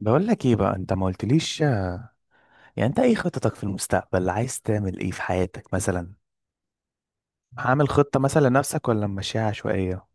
بقول لك ايه بقى؟ انت ما قلتليش. يعني انت ايه خططك في المستقبل؟ عايز تعمل ايه في حياتك مثلا؟ عامل خطة مثلا لنفسك ولا ماشيها عشوائية؟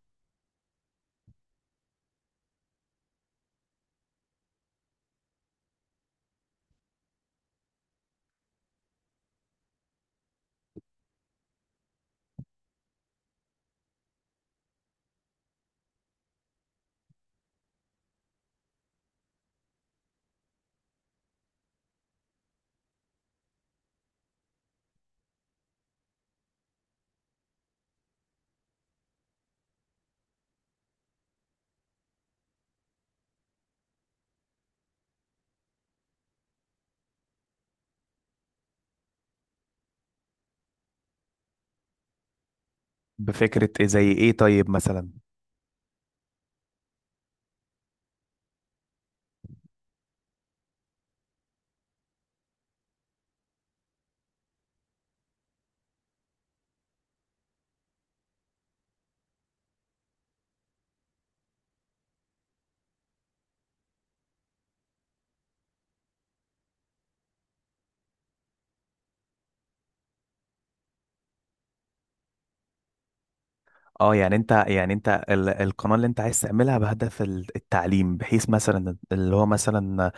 بفكرة ايه؟ زي ايه طيب مثلا؟ اه، يعني انت القناة اللي انت عايز تعملها بهدف التعليم، بحيث مثلا اللي هو مثلا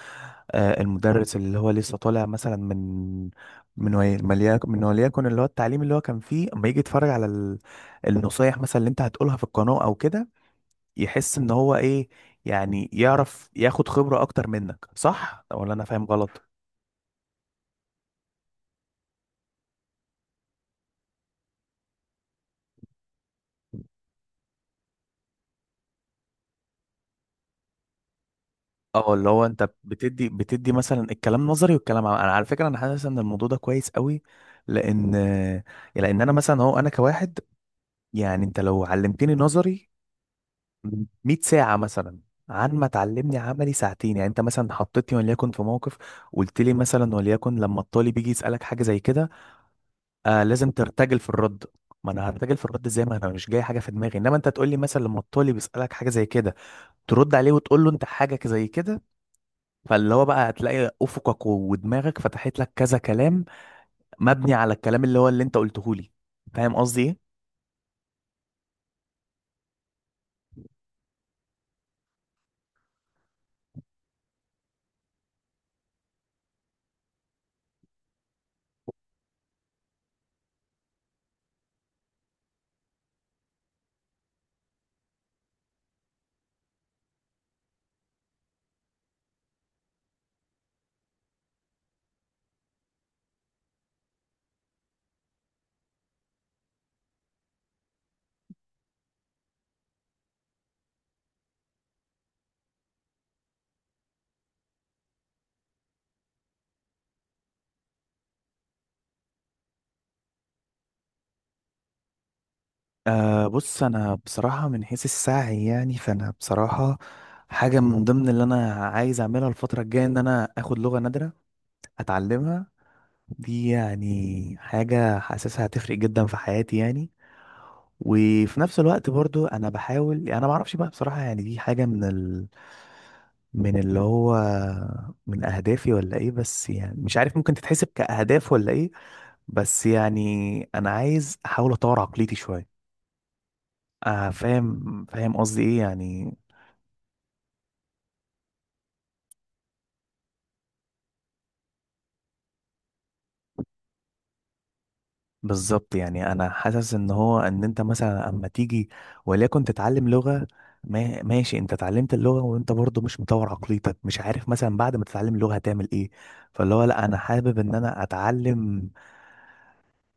المدرس اللي هو لسه طالع مثلا من وليكن اللي هو التعليم اللي هو كان فيه، اما يجي يتفرج على النصايح مثلا اللي انت هتقولها في القناة او كده، يحس ان هو ايه، يعني يعرف ياخد خبرة اكتر منك. صح ولا انا فاهم غلط؟ اه، اللي هو انت بتدي مثلا الكلام نظري والكلام عملي. انا على فكرة انا حاسس ان الموضوع ده كويس قوي، لان لان انا مثلا هو انا كواحد، يعني انت لو علمتني نظري 100 ساعة مثلا، عن ما تعلمني عملي ساعتين. يعني انت مثلا حطيتني وليكن في موقف، قلت لي مثلا وليكن لما الطالب بيجي يسألك حاجة زي كده آه لازم ترتجل في الرد. ما انا هرتجل في الرد ازاي ما انا مش جاي حاجه في دماغي؟ انما انت تقول لي مثلا لما الطالب يسالك حاجه زي كده ترد عليه وتقول له انت حاجه زي كده، فاللي هو بقى هتلاقي افقك ودماغك فتحت لك كذا كلام مبني على الكلام اللي هو اللي انت قلته لي. فاهم قصدي ايه؟ آه، بص انا بصراحه من حيث السعي، يعني فانا بصراحه حاجه من ضمن اللي انا عايز اعملها الفتره الجايه ان انا اخد لغه نادره اتعلمها. دي يعني حاجة حاسسها هتفرق جدا في حياتي يعني. وفي نفس الوقت برضو انا بحاول، يعني انا ما اعرفش بقى بصراحة، يعني دي حاجة من اللي هو من اهدافي ولا ايه، بس يعني مش عارف ممكن تتحسب كاهداف ولا ايه، بس يعني انا عايز احاول اطور عقليتي شوية. آه فاهم قصدي ايه يعني. بالظبط، يعني انا حاسس ان هو ان انت مثلا اما تيجي وليكن تتعلم لغة، ما ماشي انت اتعلمت اللغة وانت برضو مش مطور عقليتك، مش عارف مثلا بعد ما تتعلم اللغة هتعمل ايه. فاللي هو لا انا حابب ان انا اتعلم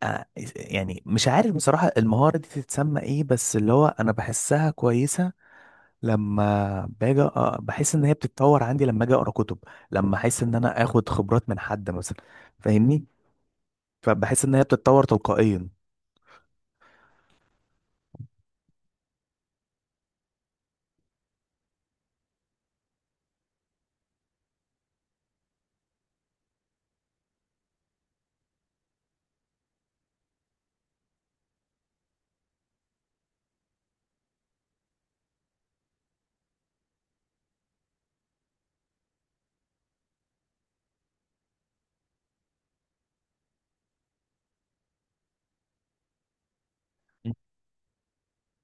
آه، يعني مش عارف بصراحة المهارة دي تتسمى ايه، بس اللي هو انا بحسها كويسة. لما بحس ان هي بتتطور عندي لما اجي اقرا كتب، لما احس ان انا اخد خبرات من حد مثلا. فاهمني؟ فبحس ان هي بتتطور تلقائيا.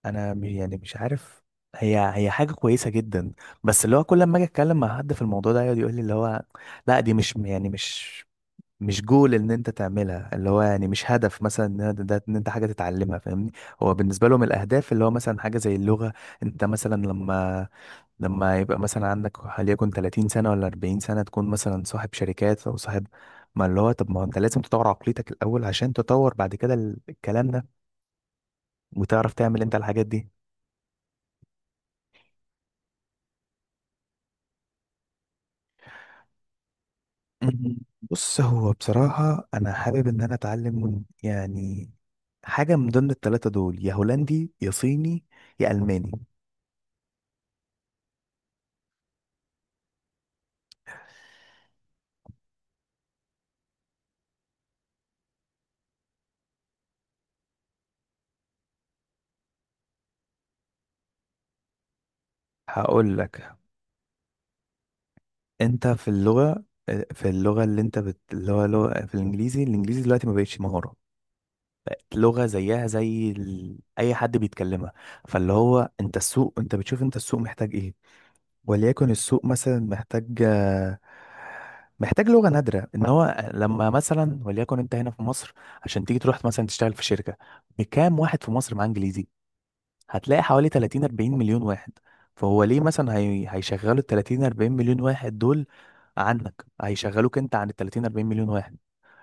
انا يعني مش عارف، هي حاجه كويسه جدا، بس اللي هو كل ما اجي اتكلم مع حد في الموضوع ده يقعد يقول لي اللي هو لا دي مش يعني مش جول ان انت تعملها، اللي هو يعني مش هدف مثلا ان ان انت حاجه تتعلمها. فاهمني؟ هو بالنسبه لهم الاهداف اللي هو مثلا حاجه زي اللغه انت مثلا لما، لما يبقى مثلا عندك وليكن 30 سنة ولا 40 سنة تكون مثلا صاحب شركات أو صاحب. ما اللي هو طب ما هو أنت لازم تطور عقليتك الأول عشان تطور بعد كده الكلام ده وتعرف تعمل أنت الحاجات دي. مم. بص هو بصراحة أنا حابب إن أنا أتعلم يعني حاجة من ضمن التلاتة دول، يا هولندي يا صيني يا ألماني. هقول لك. أنت في اللغة آه، في اللغة اللي أنت اللي هو لغة. في الإنجليزي دلوقتي ما بقتش مهارة، لغة زيها أي حد بيتكلمها. فاللي هو أنت السوق، أنت بتشوف أنت السوق محتاج إيه. وليكن السوق مثلا محتاج محتاج لغة نادرة. إن هو لما مثلا وليكن أنت هنا في مصر عشان تيجي تروح مثلا تشتغل في شركة، بكام واحد في مصر معاه إنجليزي؟ هتلاقي حوالي 30 40 مليون واحد. فهو ليه مثلا هيشغلوا ال 30 40 مليون واحد دول عنك؟ هيشغلوك أنت عن ال 30 40 مليون واحد؟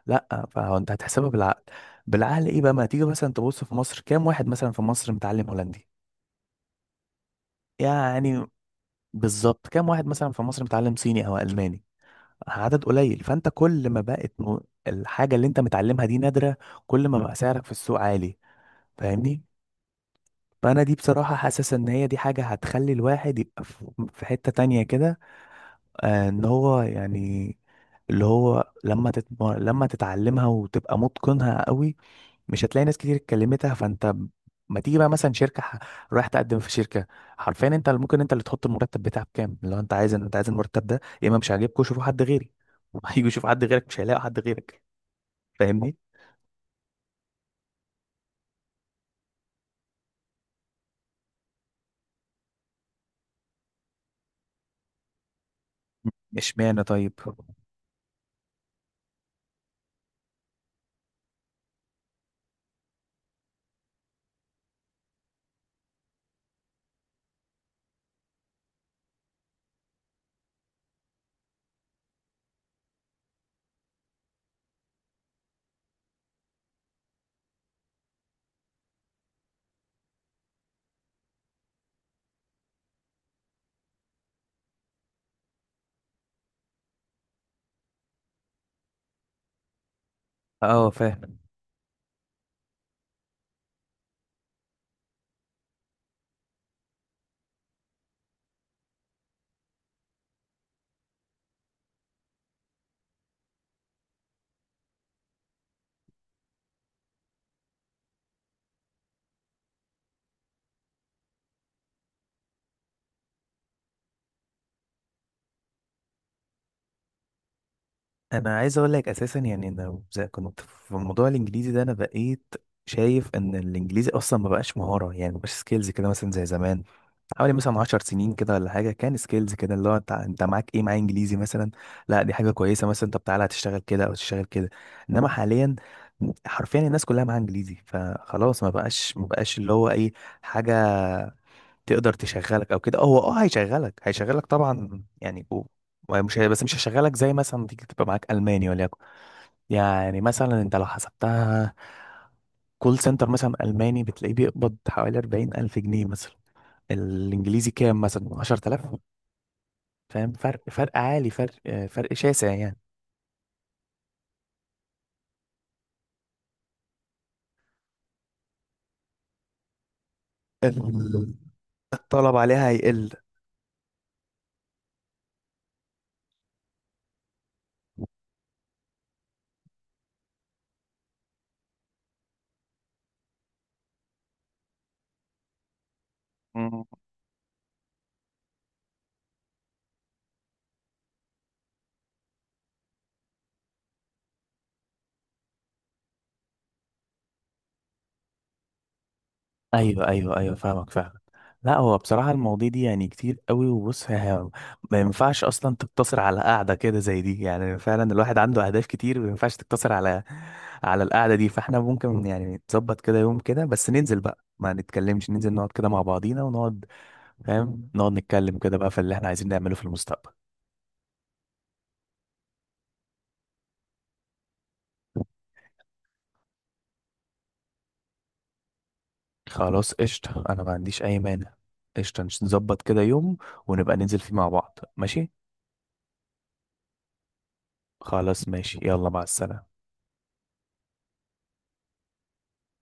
لا. فهو انت هتحسبها بالعقل. بالعقل ايه بقى؟ ما تيجي مثلا تبص في مصر كام واحد مثلا في مصر متعلم هولندي يعني، بالظبط. كام واحد مثلا في مصر متعلم صيني او الماني؟ عدد قليل. فانت كل ما الحاجه اللي انت متعلمها دي نادره، كل ما بقى سعرك في السوق عالي. فاهمني؟ فانا دي بصراحه حاسس ان هي دي حاجه هتخلي الواحد يبقى في في حته تانية كده، ان هو يعني اللي هو لما تتعلمها وتبقى متقنها قوي، مش هتلاقي ناس كتير اتكلمتها. فانت ما تيجي بقى مثلا رايح تقدم في شركه، حرفيا انت اللي ممكن انت اللي تحط المرتب بتاعك كام. لو انت عايز المرتب ده، يا اما مش عاجبكوا شوفوا حد غيري. هيجوا يشوفوا حد غيرك مش هيلاقوا حد غيرك. فاهمني؟ اشمعنى طيب؟ اه فاهم. انا عايز اقول لك اساسا يعني انا زي كنت في موضوع الانجليزي ده، انا بقيت شايف ان الانجليزي اصلا ما بقاش مهاره، يعني ما بقاش سكيلز كده مثلا زي زمان حوالي مثلا 10 سنين كده ولا حاجه، كان سكيلز كده اللي هو انت، انت معاك ايه؟ معايا انجليزي مثلا. لا دي حاجه كويسه مثلا، طب تعالى هتشتغل كده او تشتغل كده. انما حاليا حرفيا الناس كلها معاها انجليزي، فخلاص ما بقاش، ما بقاش اللي هو اي حاجه تقدر تشغلك او كده. هو هيشغلك طبعا يعني بس مش هيشغلك زي مثلا ما تيجي تبقى معاك الماني وليكن. يعني مثلا انت لو حسبتها، كول سنتر مثلا ألماني بتلاقيه بيقبض حوالي 40,000 جنيه مثلا، الإنجليزي كام مثلا؟ 10,000. فاهم فرق؟ فرق عالي، فرق فرق شاسع يعني. الطلب عليها هيقل. مم. ايوه ايوه ايوه فاهمك فعلا. لا هو بصراحه المواضيع دي يعني كتير قوي. وبص ما ينفعش اصلا تقتصر على قاعده كده زي دي، يعني فعلا الواحد عنده اهداف كتير ما ينفعش تقتصر على القعده دي. فاحنا ممكن يعني نظبط كده يوم كده، بس ننزل بقى ما نتكلمش، ننزل نقعد كده مع بعضينا ونقعد، فاهم، نقعد نتكلم كده بقى في اللي احنا عايزين نعمله في المستقبل. خلاص قشطة، أنا ما عنديش أي مانع. قشطة، نظبط كده يوم ونبقى ننزل فيه مع بعض. ماشي. خلاص ماشي، يلا مع السلامة.